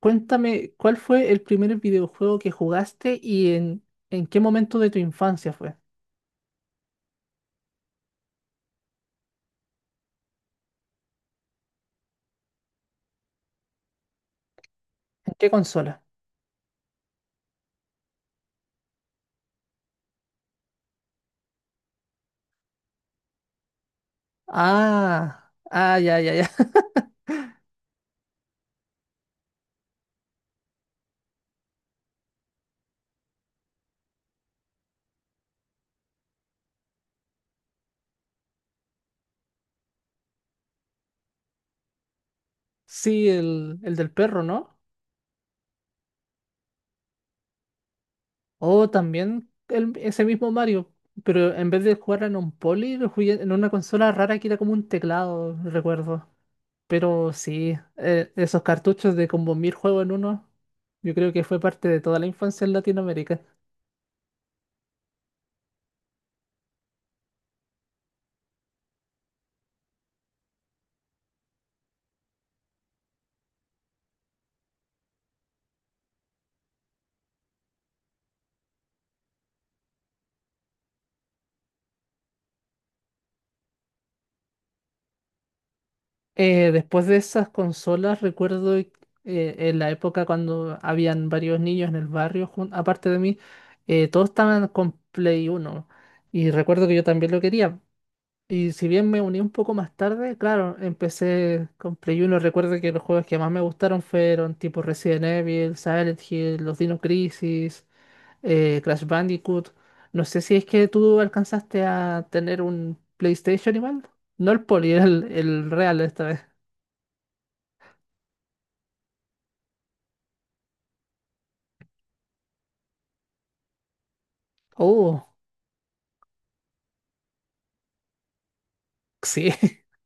Cuéntame, ¿cuál fue el primer videojuego que jugaste y en qué momento de tu infancia fue? ¿En qué consola? Ah, ah, ya, ya, ya. Sí, el del perro, ¿no? O también ese mismo Mario, pero en vez de jugar en un poli, lo jugué en una consola rara que era como un teclado, recuerdo. Pero sí, esos cartuchos de como mil juegos en uno, yo creo que fue parte de toda la infancia en Latinoamérica. Después de esas consolas, recuerdo, en la época cuando habían varios niños en el barrio, aparte de mí, todos estaban con Play Uno. Y recuerdo que yo también lo quería. Y si bien me uní un poco más tarde, claro, empecé con Play Uno. Recuerdo que los juegos que más me gustaron fueron tipo Resident Evil, Silent Hill, los Dino Crisis, Crash Bandicoot. No sé si es que tú alcanzaste a tener un PlayStation igual. No el Poli, el real esta vez. Oh, sí.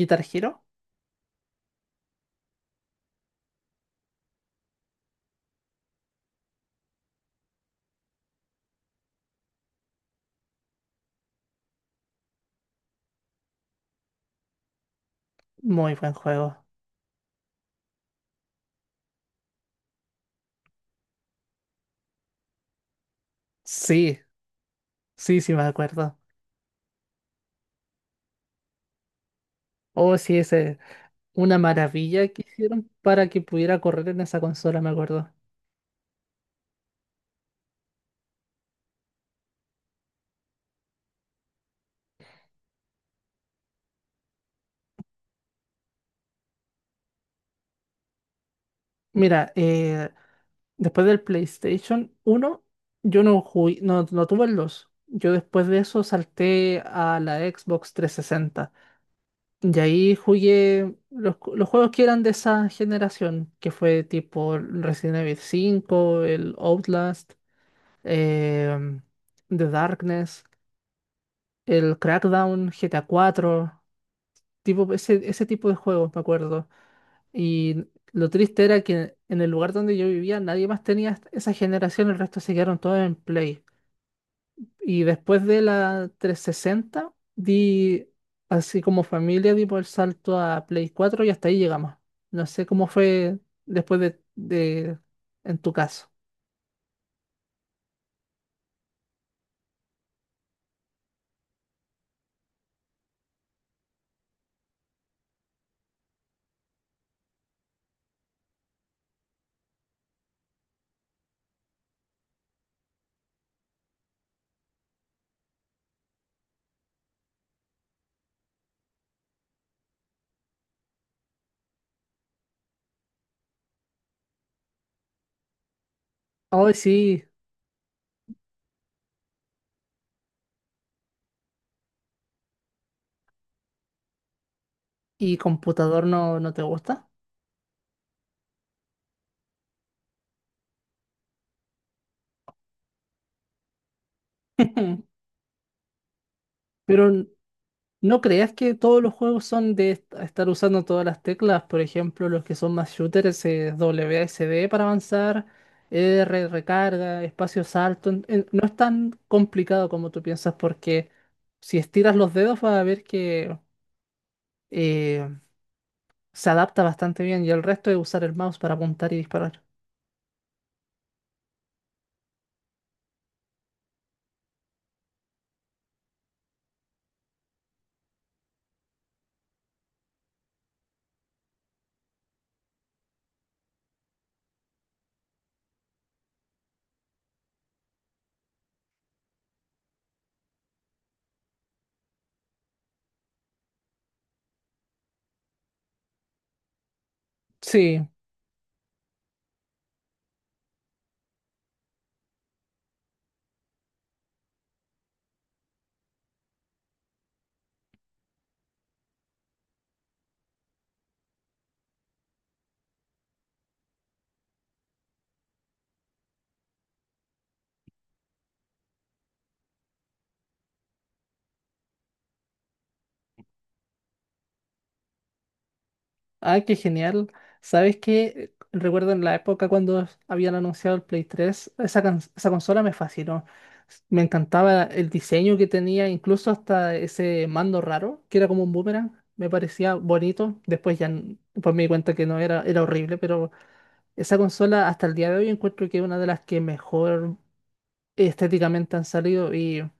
Guitar Hero, muy buen juego. Sí, sí, sí me acuerdo. Oh, sí, ese, una maravilla que hicieron para que pudiera correr en esa consola, me acuerdo. Mira, después del PlayStation 1, yo no jugué, no, no tuve el 2. Yo después de eso salté a la Xbox 360. Y ahí jugué los juegos que eran de esa generación, que fue tipo Resident Evil 5, el Outlast. em, The Darkness, el Crackdown, GTA 4, tipo, ese tipo de juegos, me acuerdo. Y lo triste era que en el lugar donde yo vivía nadie más tenía esa generación, el resto se quedaron todos en Play. Y después de la 360 di, así como familia, di por el salto a Play 4 y hasta ahí llegamos. No sé cómo fue después de, de- en tu caso. Oh sí, ¿y computador no, no te gusta? Pero no creas que todos los juegos son de estar usando todas las teclas. Por ejemplo, los que son más shooters es WASD para avanzar, R, recarga, espacio salto. No es tan complicado como tú piensas porque si estiras los dedos vas a ver que eh, se adapta bastante bien y el resto es usar el mouse para apuntar y disparar. Sí. Ah, qué genial. ¿Sabes qué? Recuerdo en la época cuando habían anunciado el Play 3, esa, esa consola me fascinó. Me encantaba el diseño que tenía, incluso hasta ese mando raro, que era como un boomerang. Me parecía bonito. Después ya pues me di cuenta que no era, era horrible, pero esa consola hasta el día de hoy encuentro que es una de las que mejor estéticamente han salido. Y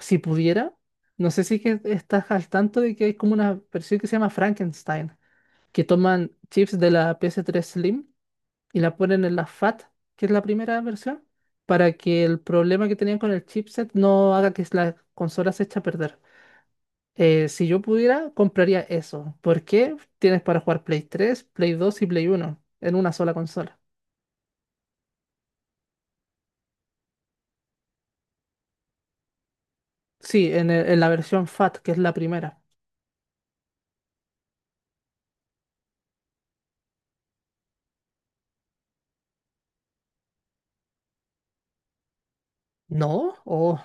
si pudiera, no sé si que estás al tanto de que hay como una versión que se llama Frankenstein, que toman chips de la PS3 Slim y la ponen en la FAT, que es la primera versión, para que el problema que tenían con el chipset no haga que la consola se eche a perder. Si yo pudiera, compraría eso, porque tienes para jugar Play 3, Play 2 y Play 1 en una sola consola. Sí, en la versión FAT, que es la primera. ¿No? O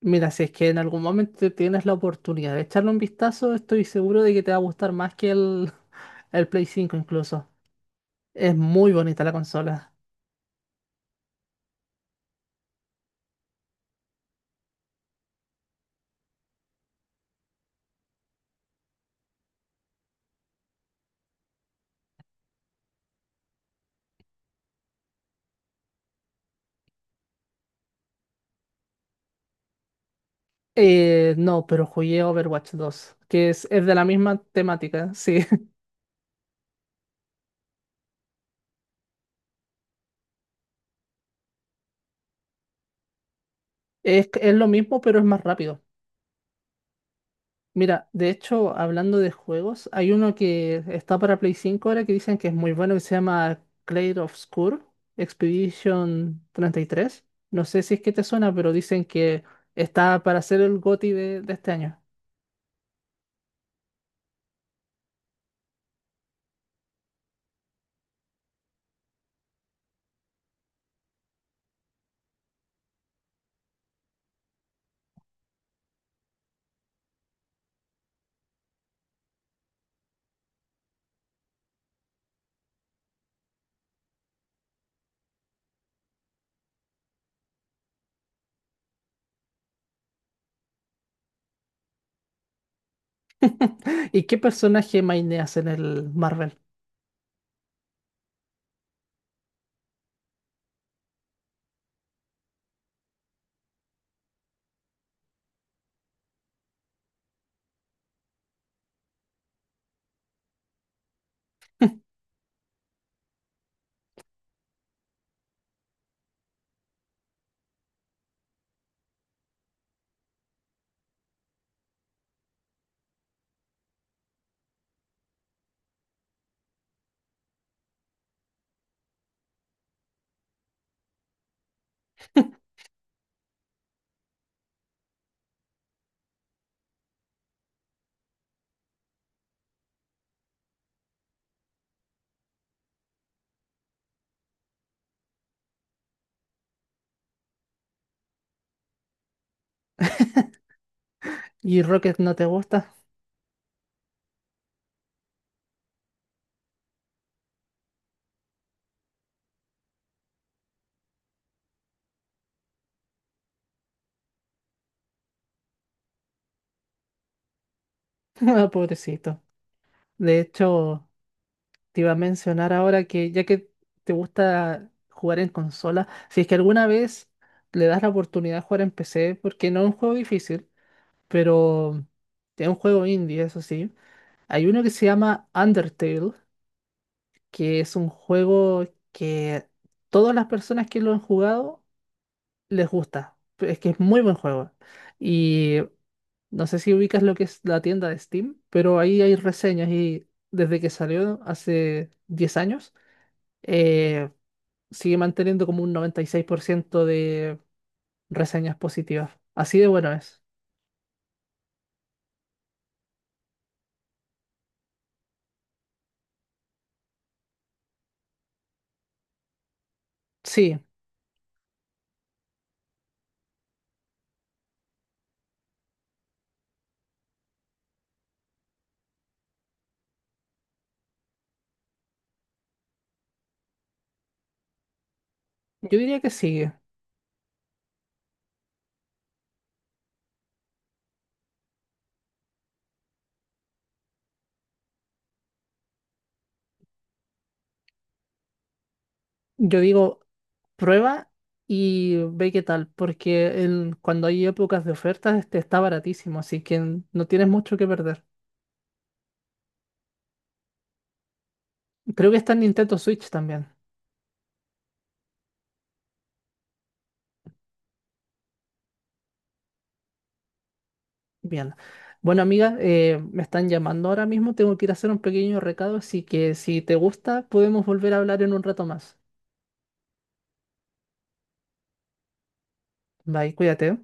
mira, si es que en algún momento tienes la oportunidad de echarle un vistazo, estoy seguro de que te va a gustar más que el Play 5 incluso. Es muy bonita la consola. No, pero jugué Overwatch 2, es de la misma temática, sí. Es lo mismo, pero es más rápido. Mira, de hecho, hablando de juegos, hay uno que está para Play 5 ahora que dicen que es muy bueno, que se llama Clair Obscur Expedition 33. No sé si es que te suena, pero dicen que está para ser el GOTY de este año. ¿Y qué personaje maineas en el Marvel? ¿Y Rocket no te gusta? Ah, pobrecito. De hecho, te iba a mencionar ahora que ya que te gusta jugar en consola, si es que alguna vez le das la oportunidad de jugar en PC, porque no es un juego difícil, pero es un juego indie, eso sí. Hay uno que se llama Undertale, que es un juego que todas las personas que lo han jugado les gusta. Es que es muy buen juego. Y no sé si ubicas lo que es la tienda de Steam, pero ahí hay reseñas y desde que salió hace 10 años eh, sigue manteniendo como un 96% de reseñas positivas. Así de bueno es. Sí, yo diría que sigue. Yo digo, prueba y ve qué tal, porque el cuando hay épocas de ofertas este está baratísimo, así que no tienes mucho que perder. Creo que está en Nintendo Switch también. Bien. Bueno, amiga, me están llamando ahora mismo, tengo que ir a hacer un pequeño recado, así que si te gusta, podemos volver a hablar en un rato más. Bye, cuídate.